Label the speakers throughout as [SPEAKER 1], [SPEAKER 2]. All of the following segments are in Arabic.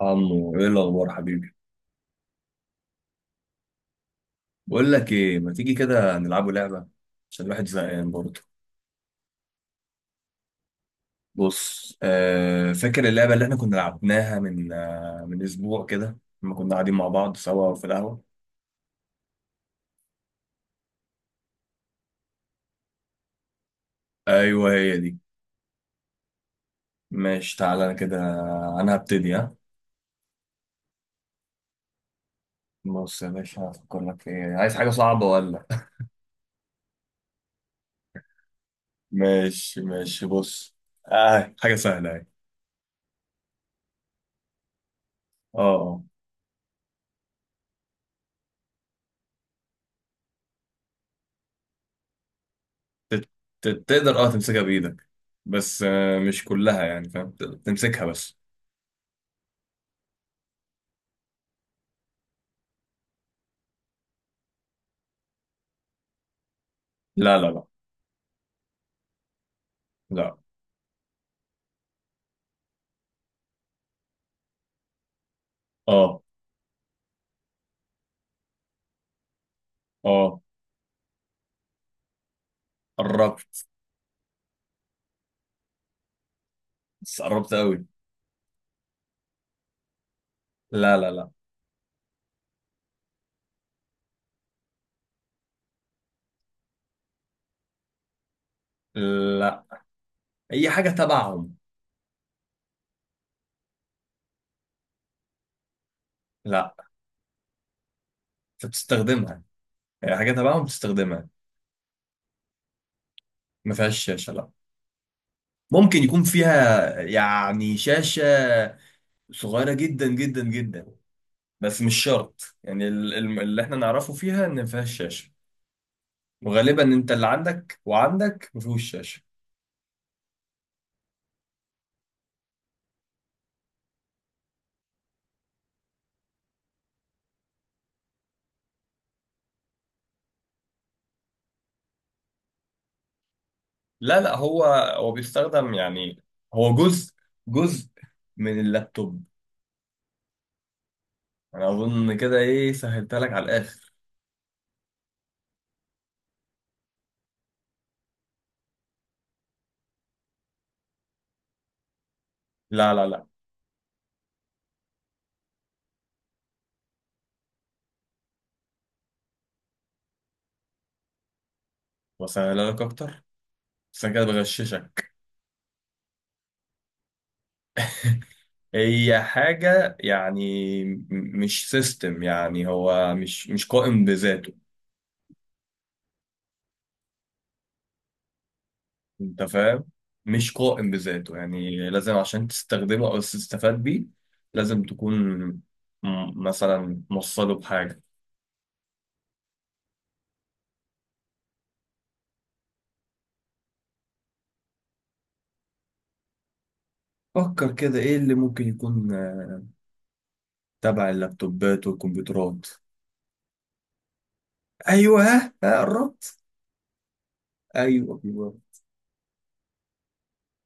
[SPEAKER 1] عمو، ايه الاخبار حبيبي؟ بقول لك ايه، ما تيجي كده نلعبوا لعبه؟ عشان الواحد زهقان برضه. بص، فاكر اللعبه اللي احنا كنا لعبناها من اسبوع كده، لما كنا قاعدين مع بعض سوا في القهوه؟ ايوه، هي دي. ماشي تعالى، انا كده انا هبتدي، ها. بص يا باشا، هفكر لك في ايه، عايز حاجه صعبه ولا؟ ماشي ماشي، بص. حاجه سهله اهي. اه، اه. تت- تقدر تمسكها بايدك، بس مش كلها، يعني فاهم، تمسكها بس. لا لا لا. لا. اه، اه. قربت. بس قربت قوي. لا لا لا. لا، اي حاجه تبعهم. لا، انت بتستخدمها، اي حاجه تبعهم بتستخدمها. ما فيهاش شاشه، لا، ممكن يكون فيها يعني شاشه صغيره جدا جدا جدا، بس مش شرط. يعني اللي احنا نعرفه فيها ان ما فيهاش شاشه. وغالبا انت اللي عندك وعندك ما فيهوش شاشه. لا لا، هو بيستخدم يعني، هو جزء، جزء من اللابتوب. انا اظن كده، ايه، سهلتها لك على الاخر. لا لا لا. وسهلها لك اكتر، بس انا كده بغششك. هي حاجه يعني، مش سيستم، يعني هو مش قائم بذاته، انت فاهم؟ مش قائم بذاته، يعني لازم عشان تستخدمه او تستفاد بيه، لازم تكون مثلا موصله بحاجه. فكر كده، ايه اللي ممكن يكون، تبع اللابتوبات والكمبيوترات. ايوه، ها، قربت. ايوه، أيوه.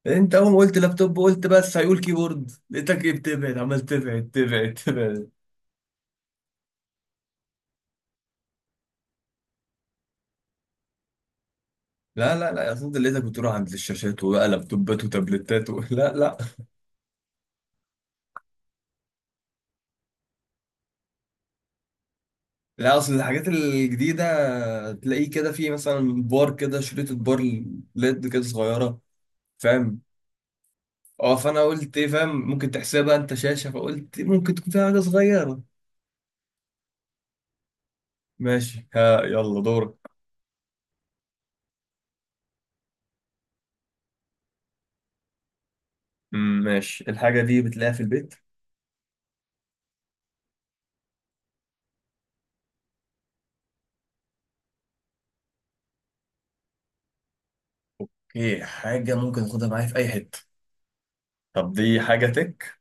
[SPEAKER 1] انت اول ما قلت لابتوب قلت بس هيقول كيبورد، لقيتك ايه، بتبعد، عمال تبعد تبعد تبعد. لا لا لا، اصلا انت لقيتك بتروح عند الشاشات وبقى لابتوبات وتابلتات و... لا لا. لا، اصل الحاجات الجديده تلاقيه كده في مثلا بار، كده شريط بار، ليد كده صغيره. فاهم؟ اه، فانا قلت ايه، فاهم، ممكن تحسبها انت شاشه، فقلت ممكن تكون فيها حاجه صغيره. ماشي ها، يلا دورك. مم، ماشي. الحاجه دي بتلاقيها في البيت؟ ايه، حاجه ممكن اخدها معايا في اي حته؟ طب دي حاجه تك،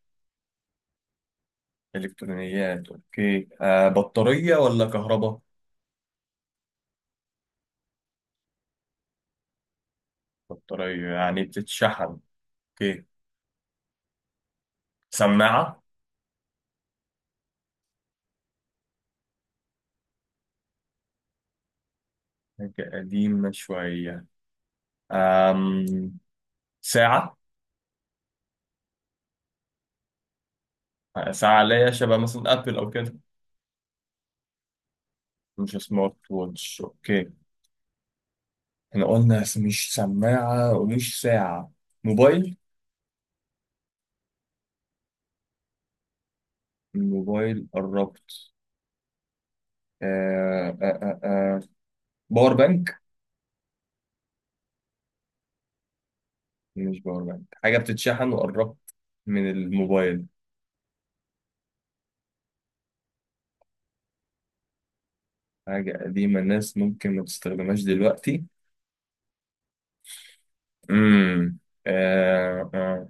[SPEAKER 1] إلكترونيات. أوكي، بطارية ولا كهرباء؟ بطارية يعني بتتشحن. أوكي. سماعة؟ حاجة قديمة شوية. آم، ساعة؟ ساعة ليا شبه مثلا أبل أو كده؟ مش سمارت ووتش. أوكي. إحنا قلنا مش سماعة ومش ساعة. موبايل؟ الموبايل قربت. آه آه آه آه. باور بانك؟ مش باور بانك، حاجة بتتشحن وقربت من الموبايل. حاجة قديمة الناس ممكن ما تستخدمهاش دلوقتي. امم آه آه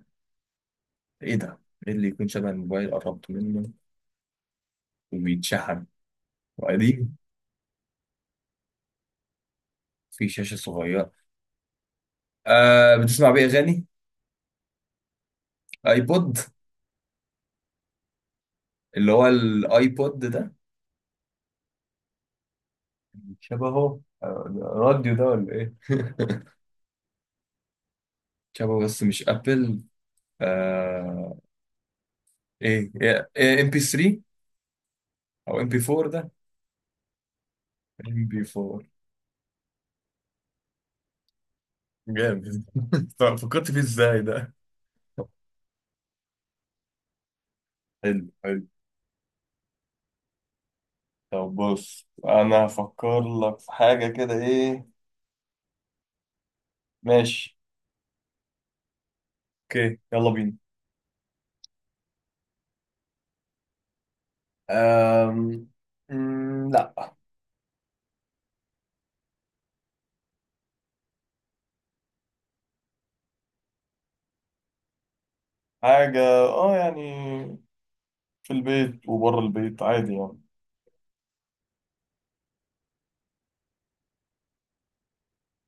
[SPEAKER 1] ايه ده؟ ايه اللي يكون شبه الموبايل قربت منه وبيتشحن وقديم؟ في شاشة صغيرة. بتسمع بيه أغاني؟ ايبود؟ اللي هو الايبود ده؟ شبهه. راديو ده ولا ايه؟ شبهه بس مش ابل. آه، ايه ايه، ام بي 3 او ام بي 4 ده؟ ام بي 4. جامد. فكرت فيه ازاي ده؟ حلو. طب بص، انا هفكر لك في حاجة كده، ايه، ماشي؟ اوكي، يلا بينا. أم... مم، لا. حاجة، اه يعني في البيت وبره البيت عادي يعني.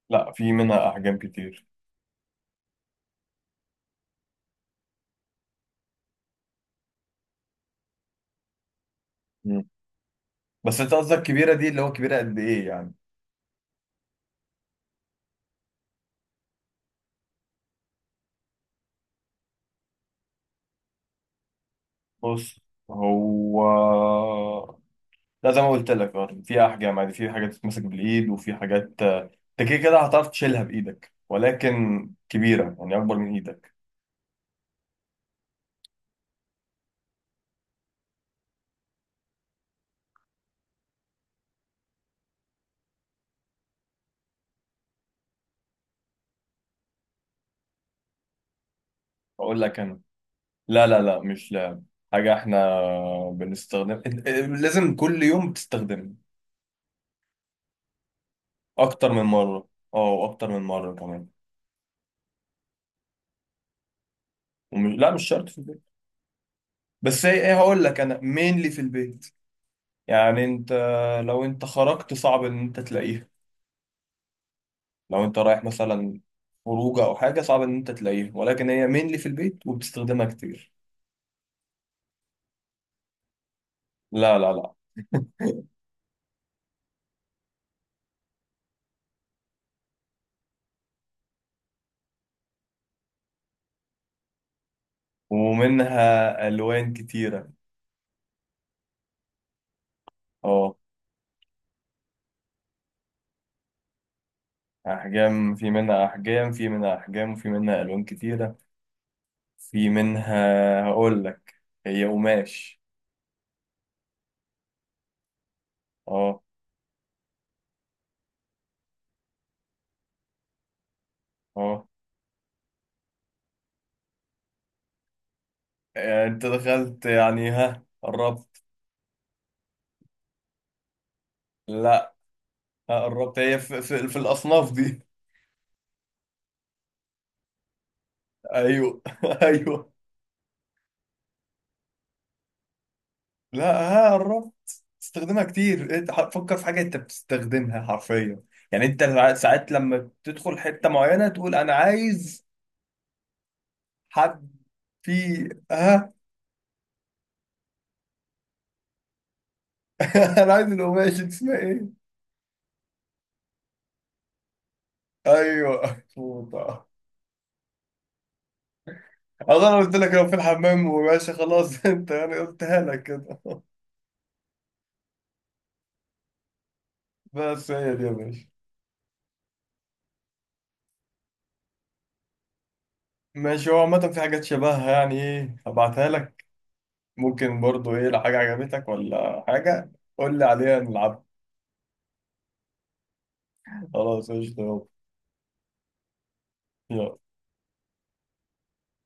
[SPEAKER 1] لا، في منها احجام كتير. مم. بس انت قصدك كبيرة، دي اللي هو كبيرة قد ايه يعني؟ بص، هو، لا زي ما قلت لك، في احجام عادي، في حاجات تتمسك بالايد وفي حاجات، انت كده كده هتعرف تشيلها بايدك، ولكن كبيرة يعني اكبر من ايدك. اقول لك انا. لا لا لا، مش لعب. حاجة احنا بنستخدم، لازم كل يوم تستخدمها أكتر من مرة. اه، وأكتر من مرة كمان. ومش... لا، مش شرط في البيت. بس هي ايه، هقول لك أنا، مينلي في البيت. يعني أنت لو أنت خرجت صعب إن أنت تلاقيها، لو أنت رايح مثلا خروجة أو حاجة صعب إن أنت تلاقيها، ولكن هي مينلي في البيت وبتستخدمها كتير. لا لا لا. ومنها ألوان كتيرة. اه. أحجام، في منها أحجام، وفي منها ألوان كتيرة. في منها، هقول لك، هي قماش. اه، اه. انت دخلت، يعني ها، قربت. لا، ها، قربت، هي في الاصناف دي. ايوه ايوه. لا، ها قربت، استخدمها كتير. انت فكر في حاجه انت بتستخدمها حرفيا، يعني انت ساعات لما تدخل حته معينه تقول انا عايز حد في، ها. انا عايز القماش دي اسمها ايه؟ ايوه فوطه. أصل أنا قلت لك لو في الحمام وماشي خلاص، أنت يعني قلتها لك كده. بس هي دي يا باشا. ماشي، هو عامة في حاجات شبهها، يعني إيه، هبعتها لك. ممكن برضو إيه، لو حاجة عجبتك ولا حاجة، قول لي عليها نلعب. خلاص قشطة. يلا.